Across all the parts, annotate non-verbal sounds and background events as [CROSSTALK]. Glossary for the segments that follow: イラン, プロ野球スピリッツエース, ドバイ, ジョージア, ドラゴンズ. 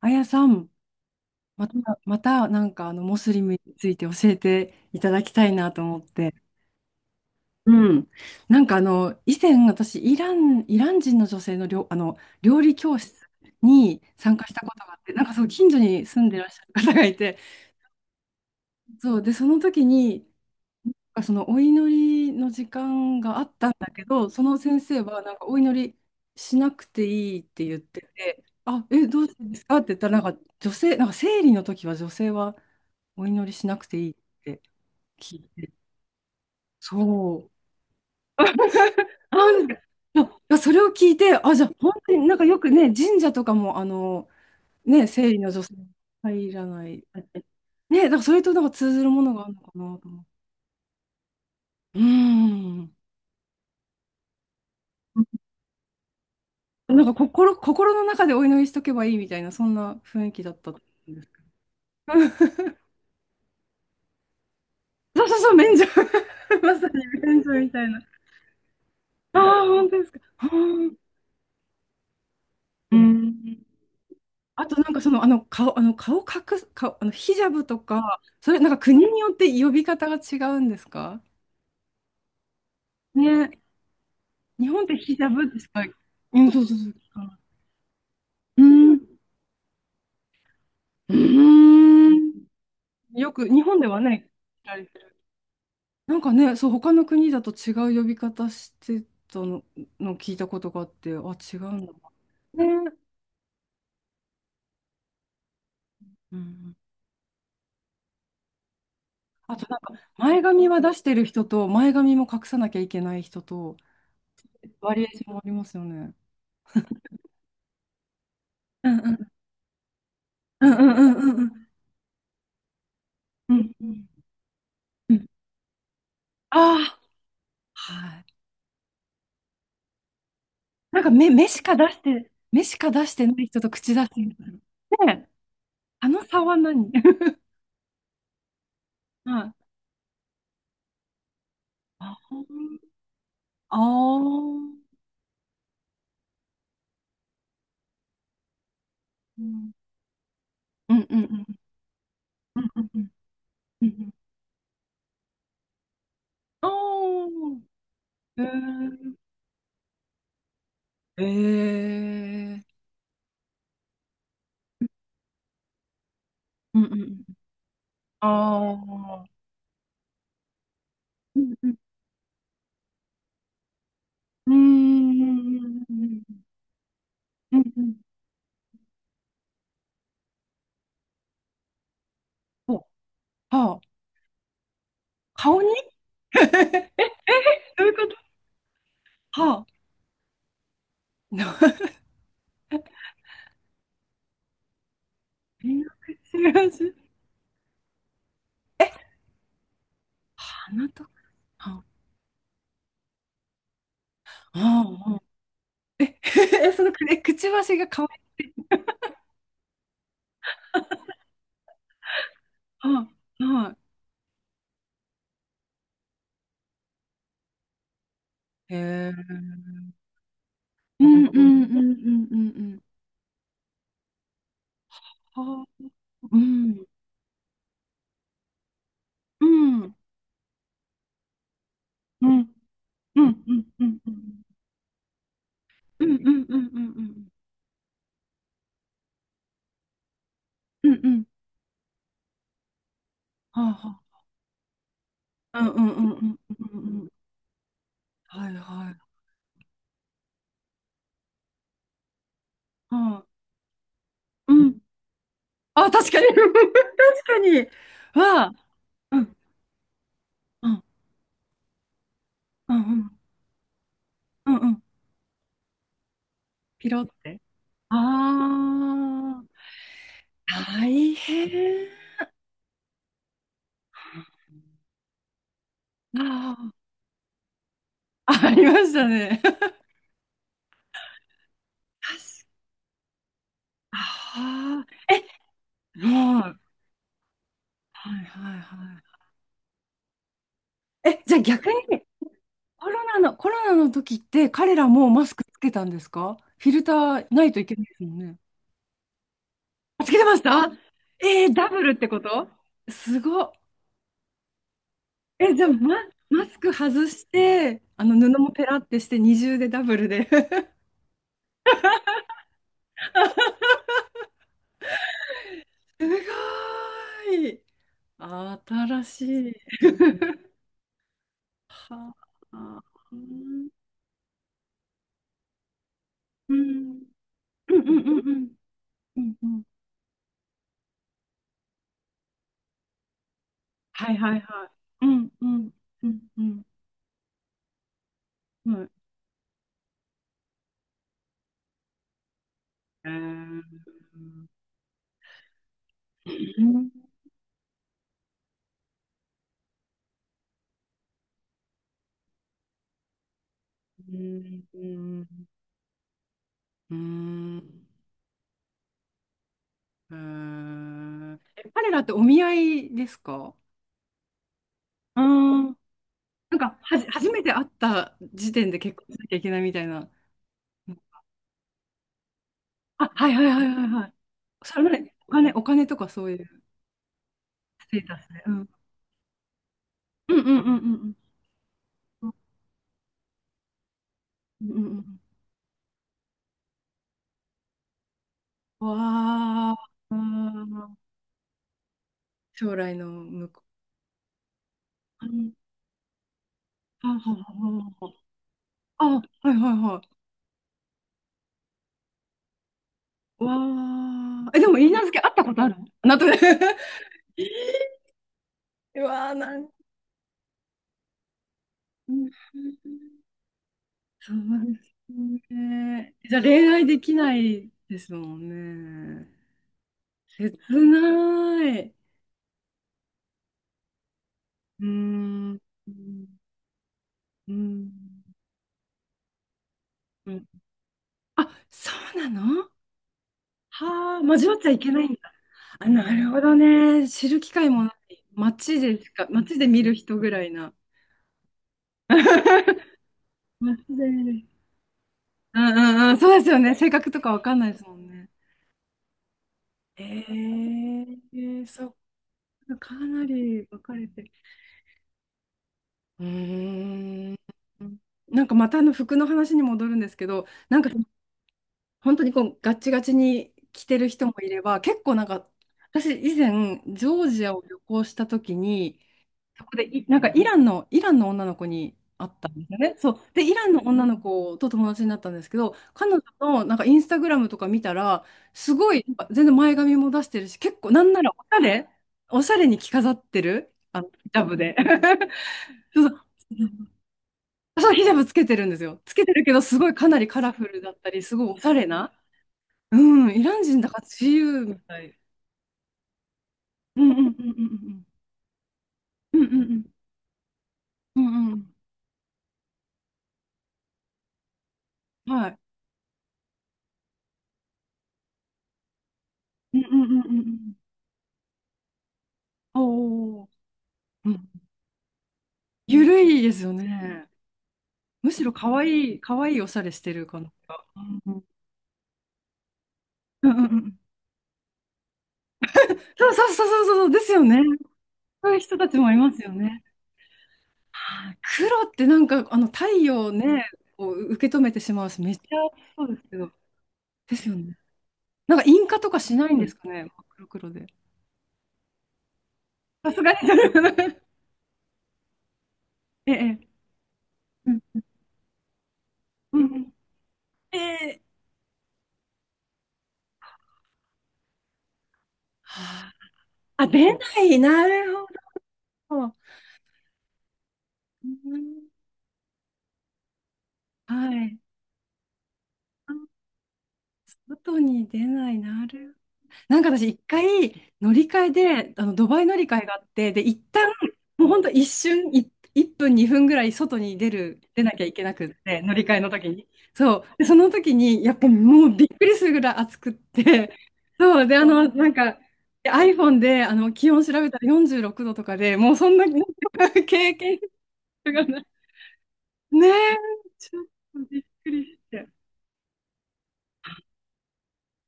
あやさん、また、またなんかモスリムについて教えていただきたいなと思って。うん。なんか以前私、イラン人の女性の料、あの、料理教室に参加したことがあって、なんかそう、近所に住んでらっしゃる方がいて、そう、で、その時に、なんかそのお祈りの時間があったんだけど、その先生はなんかお祈りしなくていいって言ってて、どうしてですかって言ったら、なんか女性、なんか生理の時は女性はお祈りしなくていいって聞いて、そう。[LAUGHS] なんでいやそれを聞いて、あ、じゃあ本当になんかよくね、神社とかも、ね、生理の女性入らない。ね、だからそれとなんか通ずるものがあるのかなと思う。うん。なんか心の中でお祈りしとけばいいみたいな、そんな雰囲気だったと思うんですけど。[LAUGHS] そうそうそう、免除。[LAUGHS] まさに免除みたいな。ああ、本当ですか。あーうん。あとなんか顔隠す、顔、あの、ヒジャブとか、それなんか国によって呼び方が違うんですかね。日本ってヒジャブですか？うん、そうそうそう。うん。うん。よく、日本ではね、聞かれてる。なんかね、そう、他の国だと違う呼び方してたの、聞いたことがあって、あ、違うんだね。うん。あとなんか、前髪は出してる人と、前髪も隠さなきゃいけない人と、バリエーションありますよね。うんうんうんうんうんうんうん。ああ、はい。なんか目しか出してない人と口出してるねえ、あの差は何？ [LAUGHS] はい。ああー、うんうんうんうんうんうんうんうんおー、えー、えー、うんうんうん。ああ、うんうん。うーん、うんうん、お、はあ、顔に。 [LAUGHS] どういうこと？はあ、[LAUGHS] 見隠し味え、鼻とか、はあ、はあ、はあ。 [LAUGHS] え、そのくえくちばしが顔に、はあ、はあ、へえ、うるんうほど。んうんうんうんうん。はあ、うん、うん、うん、うん、うん、うん、うん、うんうんうんうんうんうんうん。うんうん。はあはあうんうんうんうんうんうん。はいはいはいうんあ確かに [LAUGHS] 確かにはあうんうんうんうんうんうんピロってああ大変ああありましたね [LAUGHS] 確ああえもうはいはいはいえじゃあ逆に、コロナの時って彼らもマスクつけたんですか？フィルターないといけないですもんね。つけてました？えー、ダブルってこと？すごっ。え、じゃあ、マスク外して、あの布もペラってして二重でダブルで。[LAUGHS] すごい。新しい。[LAUGHS] はあ。うんうんうんうんうんうんうん。はいはいはい。うんうんうんうんうん。えーうんうんうんうんえー、え彼らってお見合いですか？うーん。なんか、初めて会った時点で結婚しなきゃいけないみたいな。あ、はいはいはいはいはい。それまでお金とかそういうステータスで。うん。うんうんうんうんうんうんうんうんうん。わあ、うん将来の向こう。うんあ、はははは。あ、はいはいはい。わあ。え、でも、いいなずけ会ったことあるなんとな。 [LAUGHS] うわあ、なん。うんそうですね。じゃあ恋愛できないですもんね。切ない。うーん。うん。うんあ、そうなの？はあ、交わっちゃいけないんだ。あ、なるほどね。知る機会もない。街でしか、街で見る人ぐらいな。[LAUGHS] 街で見る。うんうんうん。そうですよね。性格とかわかんないですもんね。えーえーそか、かなり分かれてる。うーん。なんかまたあの服の話に戻るんですけど、なんか本当にこうガッチガチに着てる人もいれば、結構なんか私以前ジョージアを旅行した時に、そこでいなんかイランの女の子に会ったんですよね。そう。で、イランの女の子と友達になったんですけど、彼女のなんかインスタグラムとか見たら、すごい、なんか全然前髪も出してるし、結構なんならおしゃれ、おしゃれに着飾ってる、あの、ヒジャブで。[LAUGHS] そうそう。そう、ヒジャブつけてるんですよ。つけてるけど、すごいかなりカラフルだったり、すごいおしゃれな。うん、イラン人だから自由みたい。うんうんうんうんうんうんうんうんうんうんはい。うんうんうんうんうん。おお。うん。ゆるいですよね。むしろ可愛い、可愛いおしゃれしてる感じが。うんうんうんうんうんそうそうそうそうそうですよね。そういう人たちもいますよね。あ黒ってなんかあの太陽をね、こう受け止めてしまうし、めっちゃそうですけど。ですよね。なんか印鑑とかしないんですかね、真っ黒黒で。さすがに。[LAUGHS] ええ。うん。うんうん。ええ。はあ。あ、出ない。なるほど。うん。はい。あ外に出ない。なるなんか私一回乗り換えで、あの、ドバイ乗り換えがあって、で、一旦、もうほんと一瞬、1分2分ぐらい外に出る、出なきゃいけなくって、乗り換えの時に。そう。で、その時に、やっぱもうびっくりするぐらい暑くって、そう。で、あの、なんか、で iPhone で、あの、気温調べたら46度とかで、もうそんな [LAUGHS] 経験がない。ねえ、ちょっとびっくりして。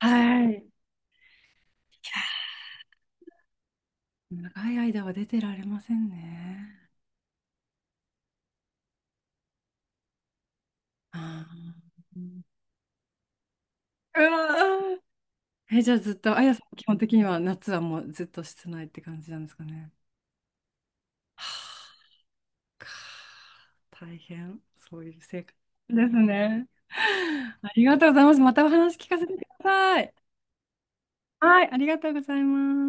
はい。長い間は出てられませんね。あーうわーえ、じゃあずっと、あやさん基本的には夏はもうずっと室内って感じなんですかね。はあか大変、そういう生活ですね。[LAUGHS] ありがとうございます。またお話聞かせてください。はい、ありがとうございます。